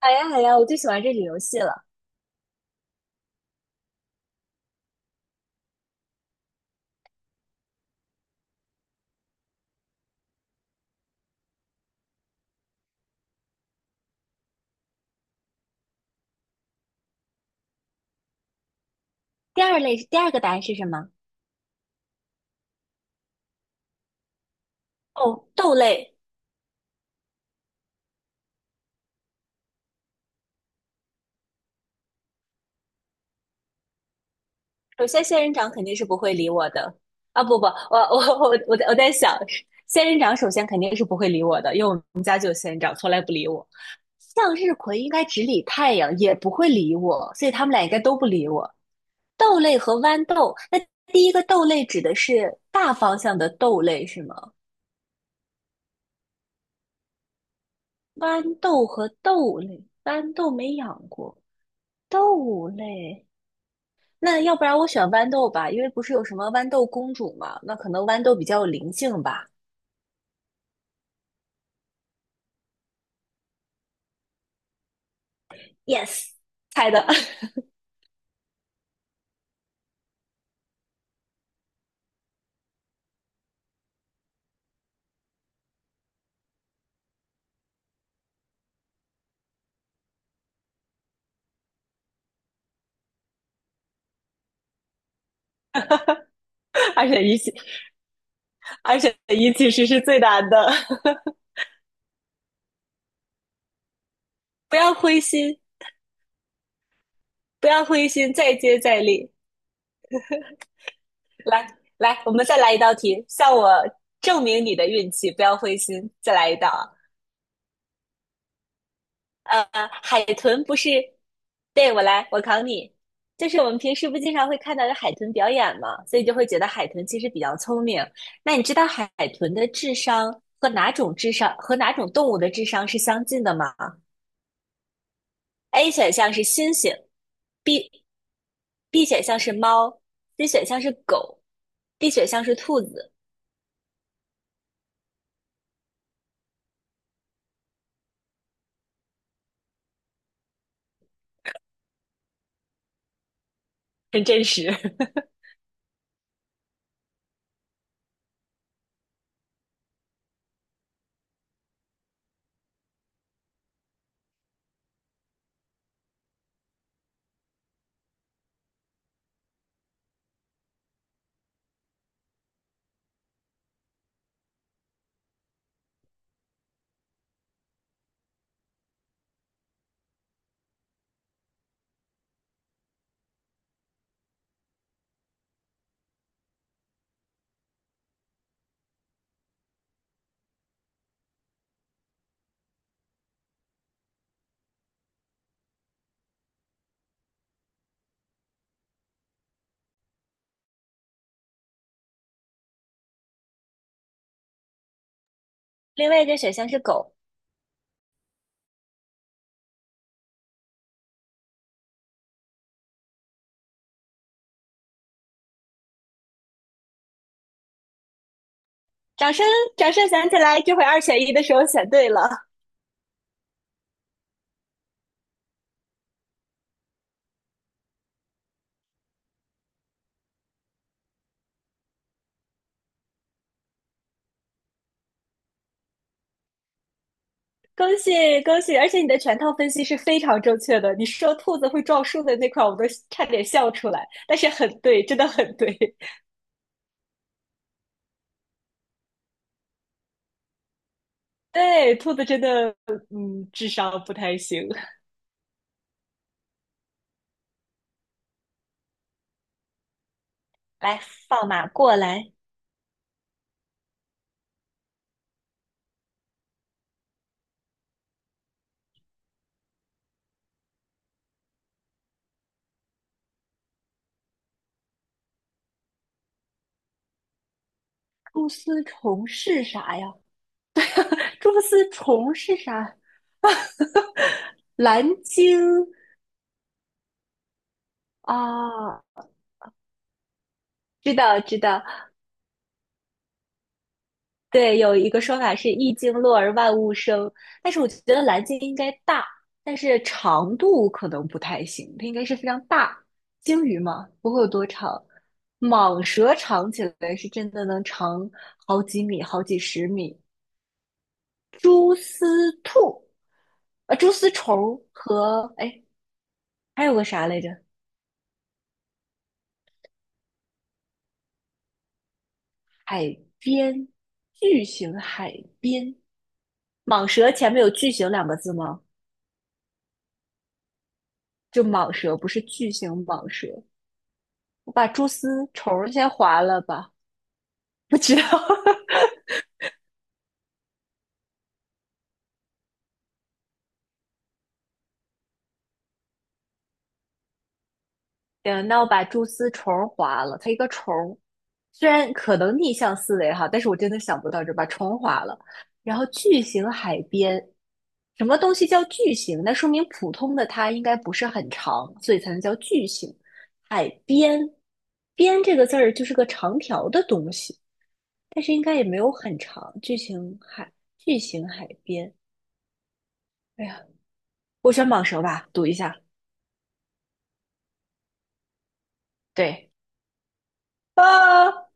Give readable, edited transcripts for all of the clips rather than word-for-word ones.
好呀，好呀，我最喜欢这里游戏了。第二类，第二个答案是什么？哦，豆类。首先，仙人掌肯定是不会理我的啊！不，我在想，仙人掌首先肯定是不会理我的，因为我们家就有仙人掌。向日葵应该只理太阳，也不会理我，所以他们俩应该都不理我。豆类和豌豆，那第一个豆类指的是大方向的豆类是吗？豌豆和豆类，豌豆没养过，豆类。那要不然我选豌豆吧，因为不是有什么豌豆公主嘛，那可能豌豆比较有灵性吧。Yes，猜的，二选一其二选一其实是最难的，不要灰心，不要灰心，再接再厉。来来，我们再来一道题，向我证明你的运气，不要灰心，再来一道啊。呃，海豚不是，对，我来，我考你，就是我们平时不经常会看到有海豚表演嘛，所以就会觉得海豚其实比较聪明。那你知道海豚的智商和哪种智商和哪种动物的智商是相近的吗？A 选项是猩猩，B B 选项是猫，C 选项是狗，D 选项是兔子，很真实。另外一个选项是狗。掌声，掌声响起来！这回二选一的时候选对了。恭喜恭喜！而且你的全套分析是非常正确的。你说兔子会撞树的那块，我都差点笑出来。但是很对，真的很对。对，兔子真的，嗯，智商不太行。来，放马过来。蛛丝虫是啥呀？蛛丝虫是啥？蓝鲸啊，知道知道。对，有一个说法是“一鲸落而万物生”，但是我觉得蓝鲸应该大，但是长度可能不太行，它应该是非常大。鲸鱼嘛，不会有多长。蟒蛇长起来是真的能长好几米、好几十米。蛛丝兔，蛛丝虫和哎，还有个啥来着？海边，巨型海边。蟒蛇前面有“巨型”两个字吗？就蟒蛇，不是巨型蟒蛇。我把蛛丝虫先划了吧，不知道。行，那我把蛛丝虫划了，它一个虫虽然可能逆向思维哈，但是我真的想不到这把虫划了。然后巨型海边，什么东西叫巨型？那说明普通的它应该不是很长，所以才能叫巨型。海边，边这个字儿就是个长条的东西，但是应该也没有很长。巨型海边，哎呀，我选蟒蛇吧，赌一下。对，啊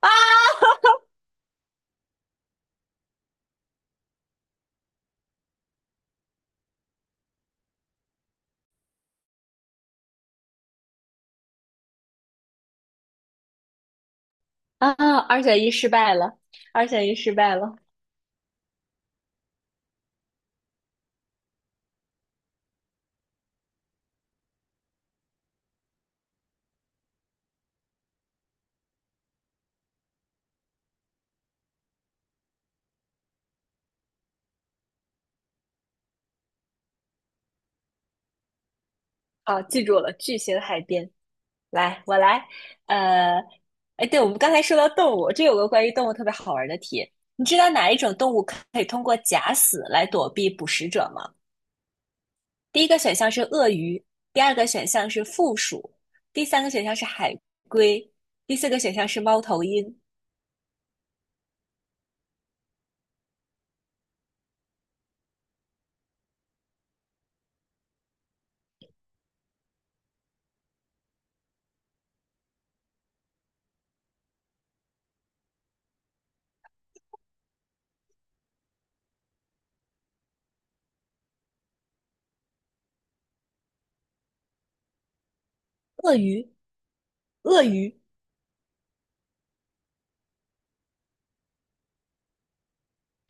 啊！啊！二选一失败了，二选一失败了。好，记住了，巨型海边。来，我来。呃，哎，对，我们刚才说到动物，这有个关于动物特别好玩的题。你知道哪一种动物可以通过假死来躲避捕食者吗？第一个选项是鳄鱼，第二个选项是负鼠，第三个选项是海龟，第四个选项是猫头鹰。鳄鱼，鳄鱼，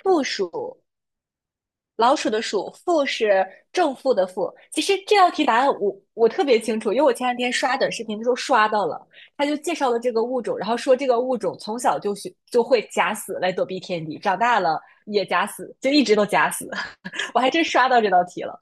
负鼠。老鼠的鼠，负是正负的负。其实这道题答案我特别清楚，因为我前两天刷短视频的时候刷到了，他就介绍了这个物种，然后说这个物种从小就学就会假死来躲避天敌，长大了也假死，就一直都假死。我还真刷到这道题了，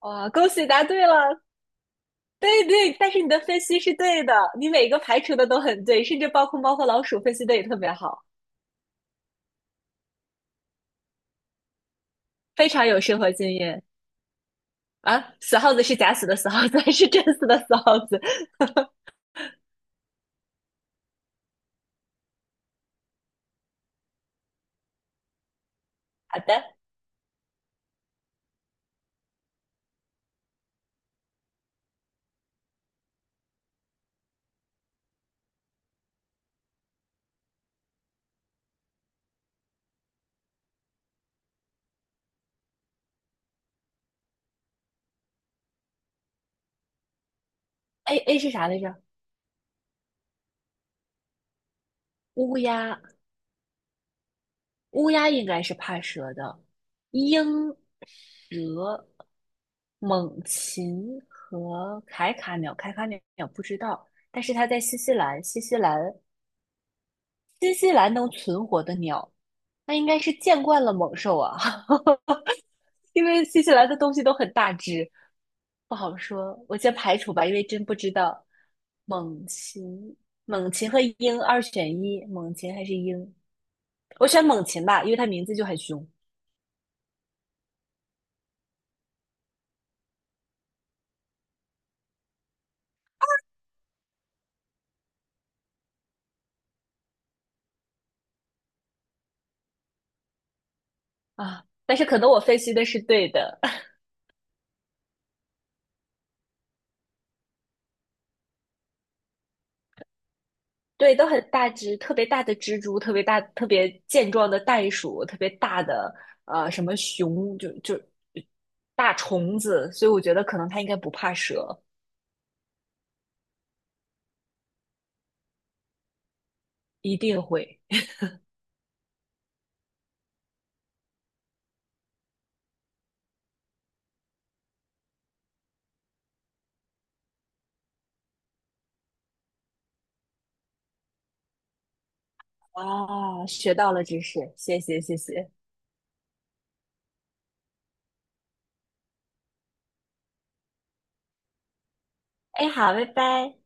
哇，恭喜答对了！对对，但是你的分析是对的，你每一个排除的都很对，甚至包括猫和老鼠分析的也特别好，非常有生活经验啊！死耗子是假死的死耗子，还是真死的死耗子？好的。A 是啥来着？乌鸦，乌鸦应该是怕蛇的，鹰、蛇、猛禽和凯卡鸟，凯卡鸟不知道，但是它在新西兰，新西兰能存活的鸟，那应该是见惯了猛兽啊，因为新西兰的东西都很大只，不好说，我先排除吧，因为真不知道。猛禽，猛禽和鹰二选一，猛禽还是鹰？我选猛禽吧，因为它名字就很凶啊。但是可能我分析的是对的，对，都很大只，特别大的蜘蛛，特别大、特别健壮的袋鼠，特别大的什么熊，就大虫子，所以我觉得可能它应该不怕蛇，一定会啊。学到了知识，谢谢。哎，好，拜拜。